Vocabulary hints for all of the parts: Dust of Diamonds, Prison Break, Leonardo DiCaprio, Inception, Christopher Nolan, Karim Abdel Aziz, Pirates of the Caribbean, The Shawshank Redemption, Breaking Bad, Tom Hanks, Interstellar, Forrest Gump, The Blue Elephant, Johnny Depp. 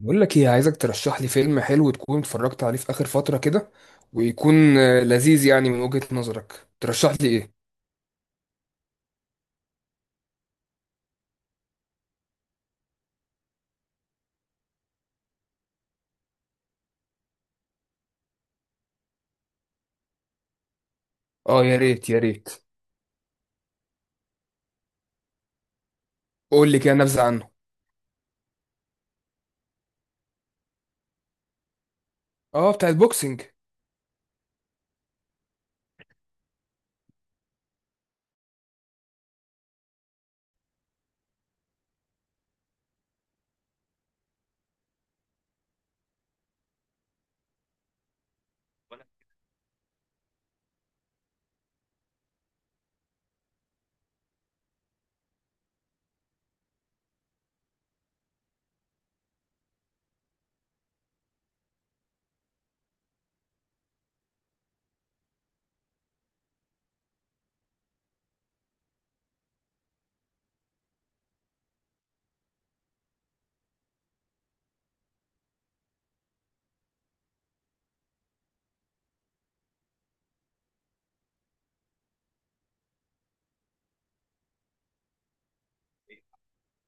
بقول لك ايه عايزك ترشح لي فيلم حلو تكون اتفرجت عليه في اخر فترة كده. ويكون لذيذ يعني من وجهة نظرك ترشح لي ايه. اه يا ريت يا ريت. قول لي كده نبذة عنه. اه بتاع البوكسنج.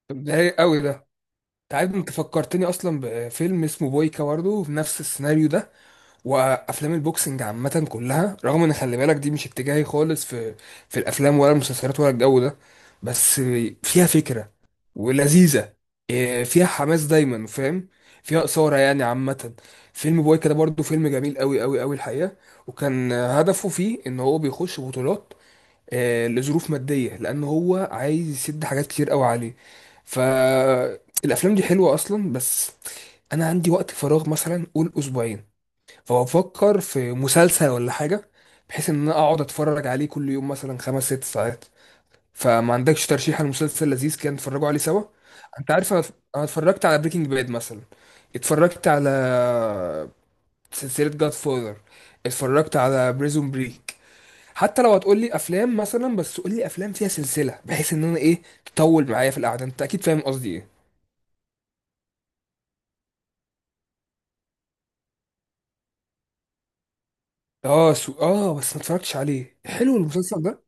طب ده رايق قوي ده. انت عارف، انت فكرتني اصلا بفيلم اسمه بويكا برضه في نفس السيناريو ده. وافلام البوكسنج عامه كلها، رغم ان خلي بالك دي مش اتجاهي خالص في الافلام ولا المسلسلات ولا الجو ده. بس فيها فكره ولذيذه. فيها حماس دايما، فاهم؟ فيها اثاره يعني عامه. فيلم بويكا ده برضه فيلم جميل قوي قوي قوي الحقيقه. وكان هدفه فيه ان هو بيخش بطولات، لظروف ماديه لان هو عايز يسد حاجات كتير قوي عليه. فالافلام دي حلوه اصلا. بس انا عندي وقت فراغ مثلا، قول اسبوعين، فبفكر في مسلسل ولا حاجة. بحيث ان انا اقعد اتفرج عليه كل يوم مثلا 5 6 ساعات. فما عندكش ترشيح لمسلسل لذيذ كان نتفرجوا عليه سوا؟ انت عارف انا، أنا اتفرجت على بريكنج باد مثلا. اتفرجت على سلسلة جاد فاذر. اتفرجت على بريزون بريك. حتى لو هتقول لي افلام مثلا، بس قول لي افلام فيها سلسلة، بحيث ان انا ايه، تطول معايا في القعدة. انت اكيد فاهم قصدي ايه. اه سو... اه بس ما اتفرجتش عليه. حلو المسلسل ده؟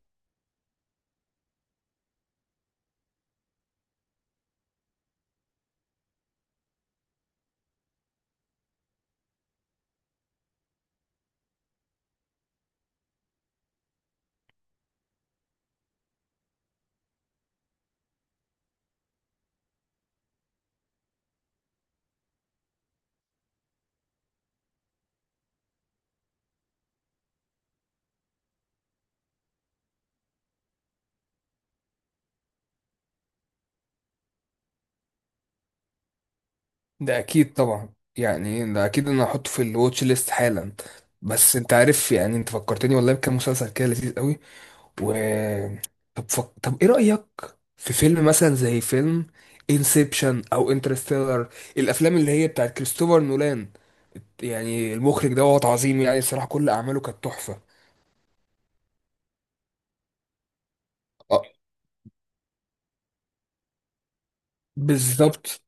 ده اكيد طبعا، يعني ده اكيد انا هحطه في الواتش ليست حالا. بس انت عارف يعني، انت فكرتني والله بكام مسلسل كده لذيذ قوي. و طب ايه رأيك في فيلم مثلا زي فيلم انسبشن او انترستيلر، الافلام اللي هي بتاعت كريستوفر نولان؟ يعني المخرج دوت عظيم، يعني الصراحة كل اعماله كانت تحفة. آه، بالظبط.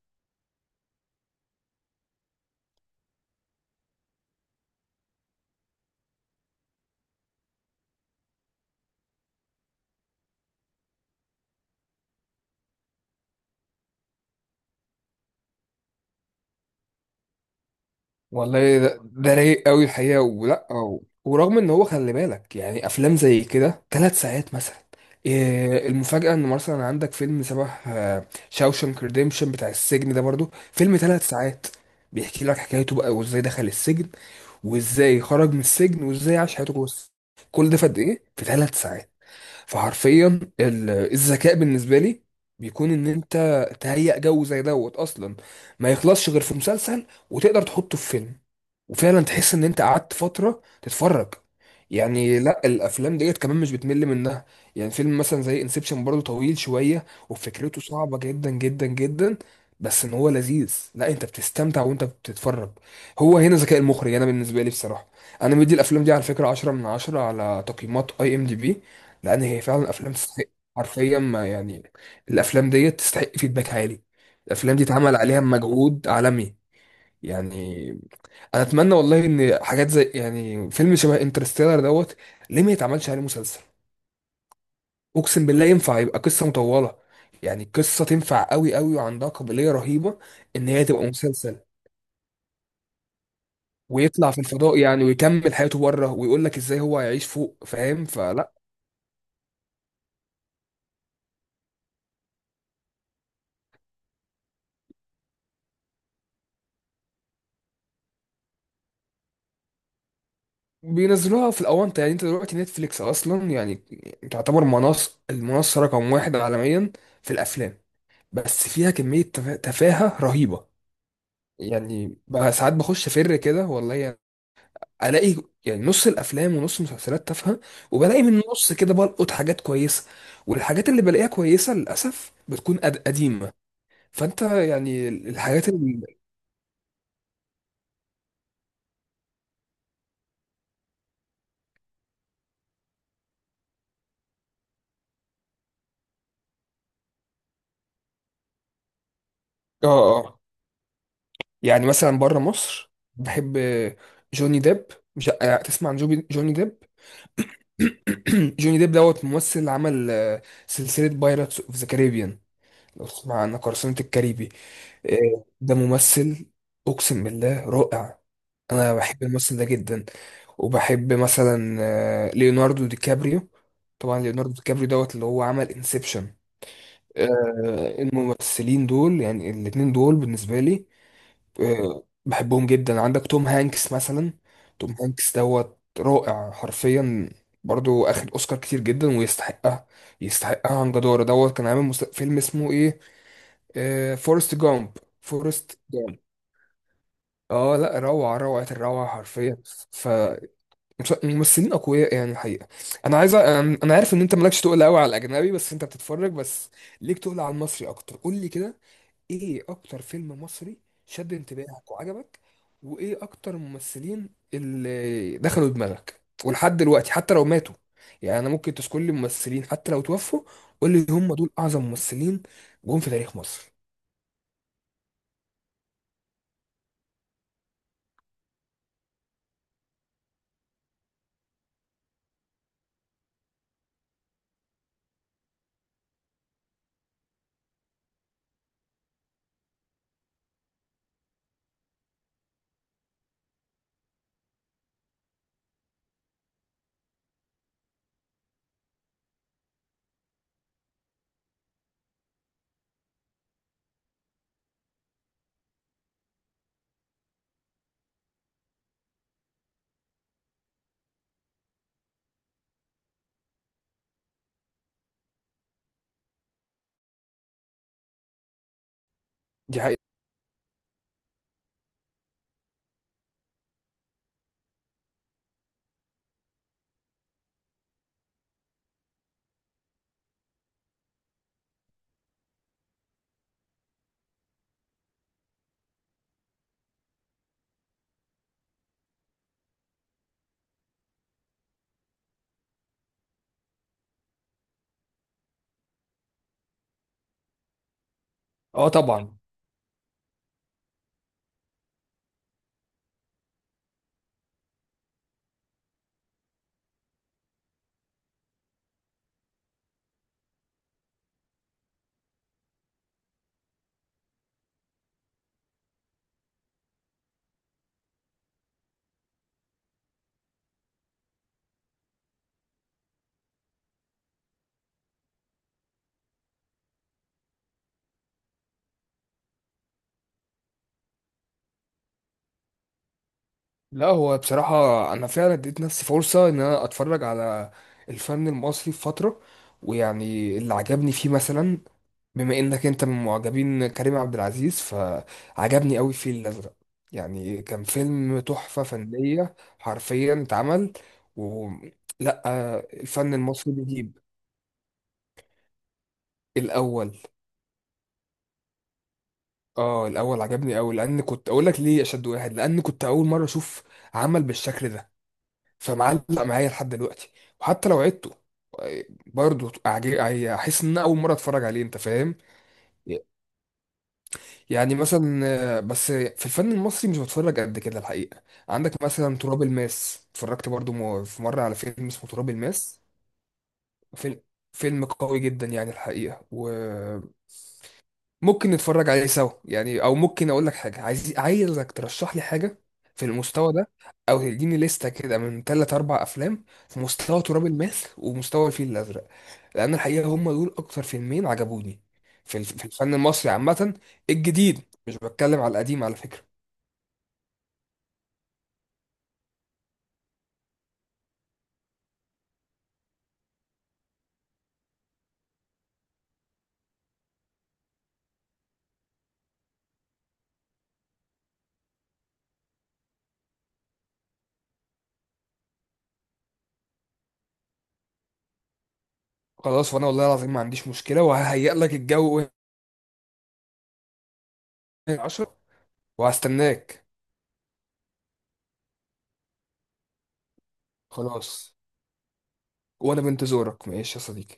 والله ده رايق قوي الحقيقه، ولا أو ورغم ان هو خلي بالك، يعني افلام زي كده 3 ساعات مثلا. إيه المفاجاه ان مثلا عندك فيلم شبه شاوشانك ريديمشن بتاع السجن ده برضو فيلم 3 ساعات. بيحكي لك حكايته بقى، وازاي دخل السجن وازاي خرج من السجن وازاي عاش حياته جوه السجن. كل ده في قد ايه؟ في 3 ساعات. فحرفيا الذكاء بالنسبه لي بيكون ان انت تهيأ جو زي دوت اصلا ما يخلصش غير في مسلسل وتقدر تحطه في فيلم، وفعلا تحس ان انت قعدت فتره تتفرج. يعني لا، الافلام ديت كمان مش بتمل منها. يعني فيلم مثلا زي انسبشن برضه طويل شويه وفكرته صعبه جدا جدا جدا، بس ان هو لذيذ. لا، انت بتستمتع وانت بتتفرج. هو هنا ذكاء المخرج انا بالنسبه لي بصراحه. انا مدي الافلام دي على فكره 10 من 10 على تقييمات اي ام دي بي، لان هي فعلا افلام تستحق. حرفيا ما يعني، الافلام دي تستحق فيدباك عالي. الافلام دي اتعمل عليها مجهود عالمي. يعني انا اتمنى والله ان حاجات زي يعني فيلم شبه انترستيلر دوت، ليه ما يتعملش عليه مسلسل؟ اقسم بالله ينفع يبقى قصه مطوله. يعني قصه تنفع قوي قوي وعندها قابليه رهيبه ان هي تبقى مسلسل. ويطلع في الفضاء يعني، ويكمل حياته بره، ويقول لك ازاي هو هيعيش فوق، فاهم؟ فلا. بينزلوها في الاونطه يعني. انت دلوقتي نتفليكس اصلا يعني تعتبر منصه، المنصه رقم 1 عالميا في الافلام. بس فيها كميه تفاهه رهيبه. يعني بقى ساعات بخش فر كده والله يعني، الاقي يعني نص الافلام ونص المسلسلات تافهه. وبلاقي من النص كده بلقط حاجات كويسه. والحاجات اللي بلاقيها كويسه للاسف بتكون قديمه. فانت يعني الحاجات اللي. اه اه. يعني مثلا بره مصر بحب جوني ديب. مش تسمع عن جوني ديب؟ جوني ديب دوت ممثل اللي عمل سلسلة بايرتس اوف ذا كاريبيان. لو تسمع عنها، قرصنة الكاريبي. ده ممثل اقسم بالله رائع. انا بحب الممثل ده جدا. وبحب مثلا ليوناردو دي كابريو. طبعا ليوناردو دي كابريو دوت اللي هو عمل انسبشن. الممثلين دول، يعني الاتنين دول بالنسبة لي بحبهم جدا. عندك توم هانكس مثلا. توم هانكس دوت رائع حرفيا. برضو اخد اوسكار كتير جدا ويستحقها. يستحقها عن جدارة دوت. كان عامل فيلم اسمه ايه، آه، فورست جامب. فورست جامب، اه لا، روعة روعة الروعة حرفيا. فممثلين اقوياء يعني الحقيقة. انا عايز انا عارف ان انت مالكش تقول قوي على الاجنبي، بس انت بتتفرج بس. ليك تقول على المصري اكتر. قول لي كده، ايه اكتر فيلم مصري شد انتباهك وعجبك؟ وايه اكتر ممثلين اللي دخلوا دماغك ولحد دلوقتي حتى لو ماتوا؟ يعني انا ممكن تذكر لي ممثلين حتى لو توفوا. قول لي هم دول اعظم ممثلين جم في تاريخ مصر. دي حقيقة. اه طبعا. لا، هو بصراحة انا فعلا اديت نفسي فرصة ان انا اتفرج على الفن المصري في فترة. ويعني اللي عجبني فيه مثلا، بما انك انت من معجبين كريم عبد العزيز، فعجبني قوي الفيل الازرق. يعني كان فيلم تحفة فنية حرفيا اتعمل. و لا. الفن المصري بيجيب. الاول. اه الاول عجبني قوي، لان، كنت اقول لك ليه اشد واحد، لان كنت اول مرة اشوف عمل بالشكل ده. فمعلق معايا لحد دلوقتي، وحتى لو عدته برضه احس ان أنا اول مرة اتفرج عليه، انت فاهم؟ يعني مثلا بس في الفن المصري مش بتفرج قد كده الحقيقة. عندك مثلا تراب الماس. اتفرجت برضو في مرة على فيلم اسمه تراب الماس. فيلم فيلم قوي جدا يعني الحقيقة. وممكن نتفرج عليه سوا يعني، او ممكن اقول لك حاجة، عايزك ترشح لي حاجة في المستوى ده، او تديني لستة كده من ثلاث اربع افلام في مستوى تراب الماس ومستوى الفيل الازرق. لان الحقيقة هم دول اكتر فيلمين عجبوني في في الفن المصري عامة، الجديد. مش بتكلم على القديم على فكرة. خلاص. وانا والله العظيم ما عنديش مشكله، وههيئ لك الجو وهي 10. وهستناك. خلاص وانا بنتظرك ماشي يا صديقي.